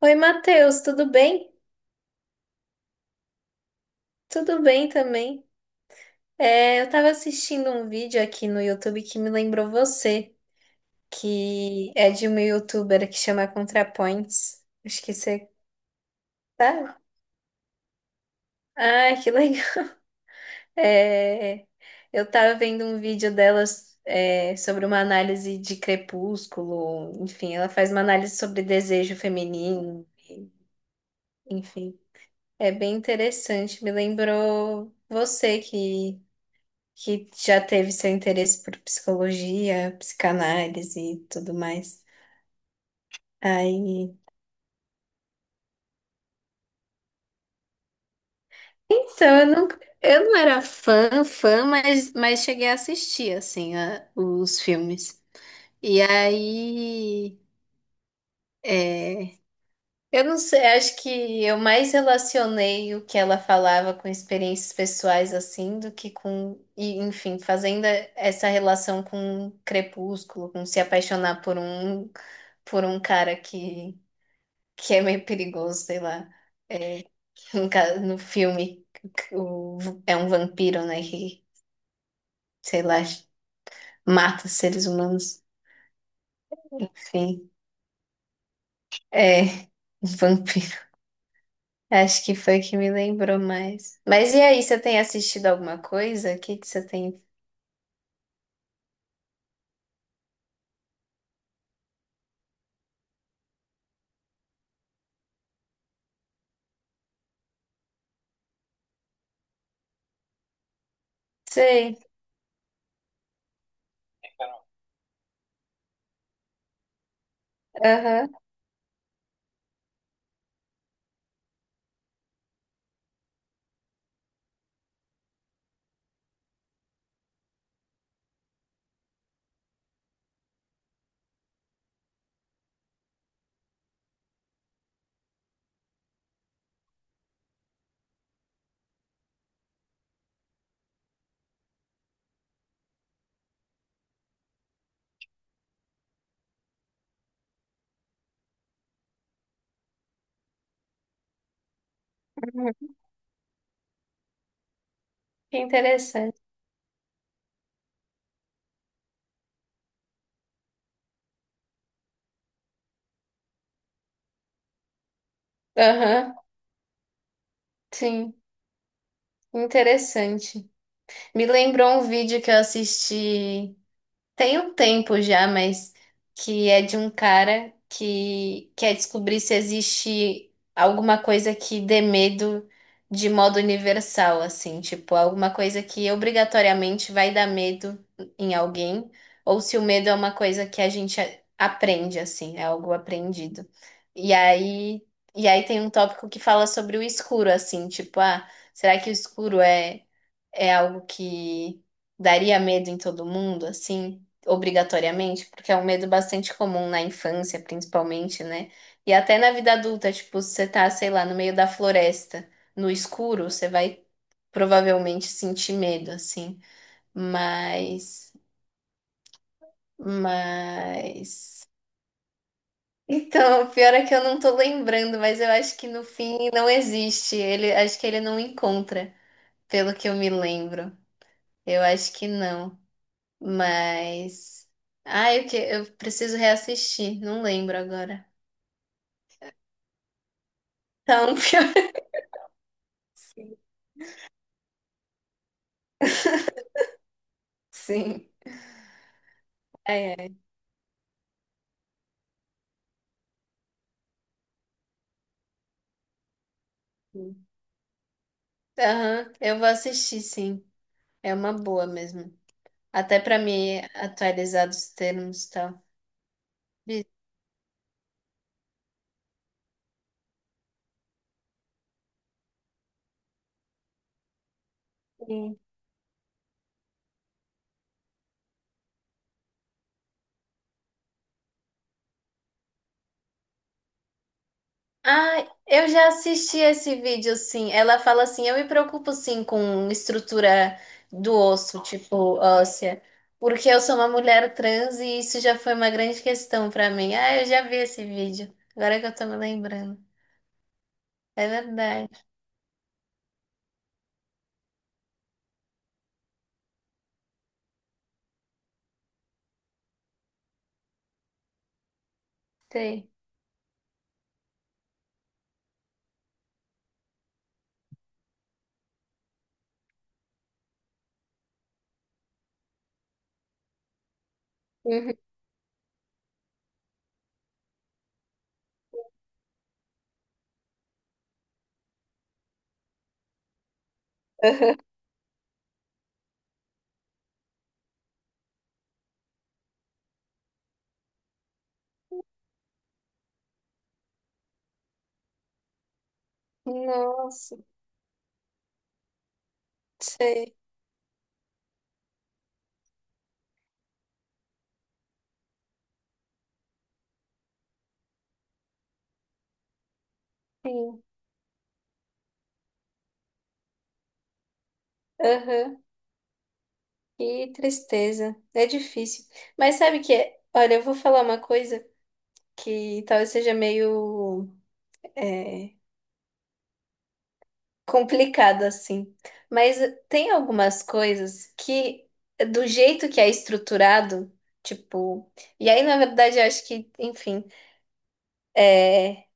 Oi, Matheus, tudo bem? Tudo bem também. É, eu estava assistindo um vídeo aqui no YouTube que me lembrou você, que é de uma YouTuber que chama ContraPoints. Acho que você tá. Ah, que legal. É, eu estava vendo um vídeo delas, é, sobre uma análise de Crepúsculo. Enfim, ela faz uma análise sobre desejo feminino. Enfim, é bem interessante. Me lembrou você que já teve seu interesse por psicologia, psicanálise e tudo mais. Aí, então, eu não era fã, fã, mas cheguei a assistir, assim, os filmes. E aí, é, eu não sei, acho que eu mais relacionei o que ela falava com experiências pessoais, assim, do que com, e, enfim, fazendo essa relação com Crepúsculo, com se apaixonar por um cara que é meio perigoso, sei lá. É, no filme, que é um vampiro, né? Que, sei lá, mata seres humanos. Enfim, é um vampiro. Acho que foi que me lembrou mais. Mas e aí, você tem assistido alguma coisa? O que que você tem? Sei, aham. Uhum. Que interessante. Aham, sim, interessante. Me lembrou um vídeo que eu assisti. Tem um tempo já, mas que é de um cara que quer descobrir se existe alguma coisa que dê medo de modo universal, assim, tipo, alguma coisa que obrigatoriamente vai dar medo em alguém, ou se o medo é uma coisa que a gente aprende, assim, é algo aprendido. E aí, e aí tem um tópico que fala sobre o escuro, assim, tipo, ah, será que o escuro é algo que daria medo em todo mundo, assim, obrigatoriamente, porque é um medo bastante comum na infância, principalmente, né? E até na vida adulta, tipo, se você tá, sei lá, no meio da floresta, no escuro, você vai provavelmente sentir medo, assim. Mas, mas então, o pior é que eu não tô lembrando, mas eu acho que no fim não existe. Ele, acho que ele não encontra, pelo que eu me lembro. Eu acho que não. Mas. Ai, o que? Eu preciso reassistir. Não lembro agora. Então, pior. Sim. Sim. Ai, ai, sim. Aham, eu vou assistir, sim. É uma boa mesmo. Até pra me atualizar dos termos e tal. Vi- Sim. Ah, eu já assisti esse vídeo, sim. Ela fala assim: eu me preocupo, sim, com estrutura do osso, tipo óssea, porque eu sou uma mulher trans e isso já foi uma grande questão pra mim. Ah, eu já vi esse vídeo, agora que eu tô me lembrando. É verdade, sei. Uhum. Aham. Nossa, sei. Sim. Aham. Que tristeza. É difícil. Mas sabe que, olha, eu vou falar uma coisa que talvez seja meio complicado assim. Mas tem algumas coisas que, do jeito que é estruturado, tipo. E aí, na verdade, eu acho que, enfim, é,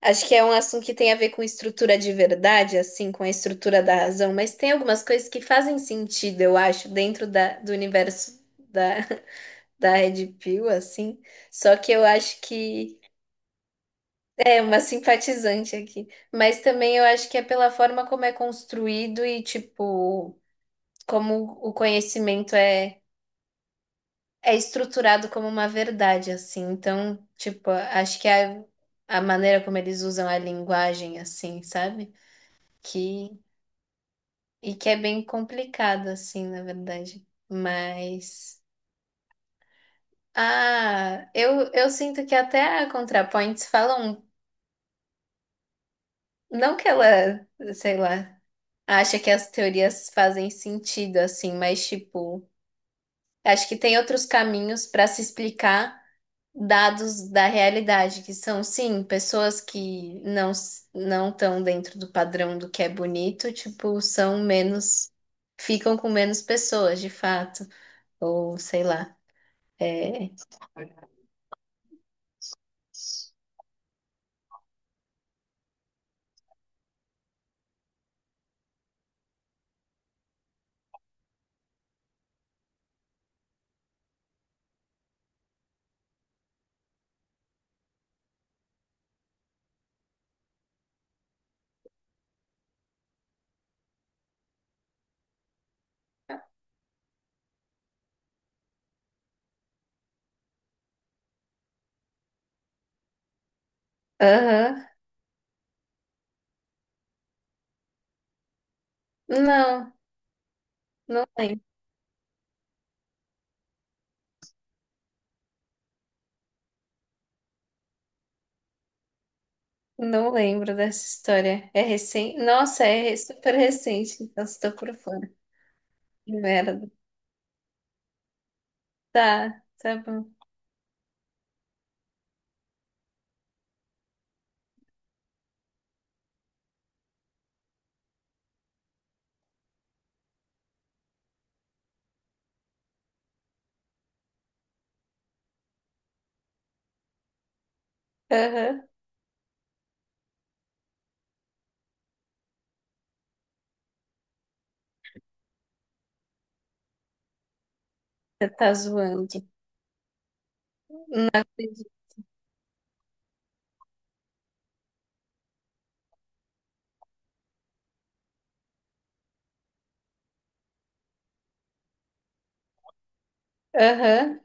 acho que é um assunto que tem a ver com estrutura de verdade, assim, com a estrutura da razão, mas tem algumas coisas que fazem sentido, eu acho, dentro da, do universo da, da Red Pill, assim. Só que eu acho que. É uma simpatizante aqui. Mas também eu acho que é pela forma como é construído e, tipo, como o conhecimento é, estruturado como uma verdade, assim. Então, tipo, acho que a maneira como eles usam a linguagem, assim, sabe? Que, e que é bem complicado, assim, na verdade. Mas. Ah, eu sinto que até a ContraPoints falam. Não que ela, sei lá, acha que as teorias fazem sentido, assim, mas, tipo, acho que tem outros caminhos para se explicar dados da realidade, que são, sim, pessoas que não estão dentro do padrão do que é bonito, tipo, são menos, ficam com menos pessoas, de fato, ou sei lá. É... Aham. Não, não lembro. Não lembro dessa história. É recente? Nossa, é super recente, então estou por fora. Que merda. Tá, tá bom. Aham. Você tá zoando. Entendi. Aham.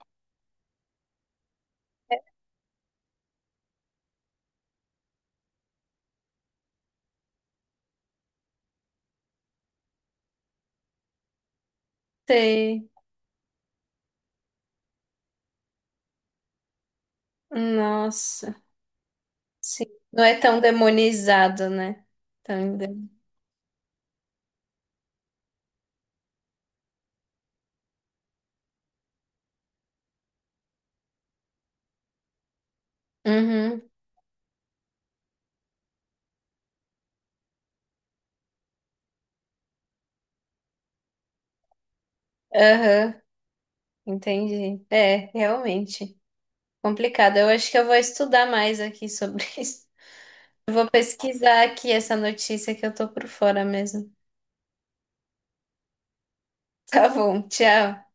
Sei. Nossa. Sim, não é tão demonizado, né? Tão ende- Uhum, aham, entendi. É, realmente. Complicado. Eu acho que eu vou estudar mais aqui sobre isso. Eu vou pesquisar aqui essa notícia que eu tô por fora mesmo. Tá bom, tchau.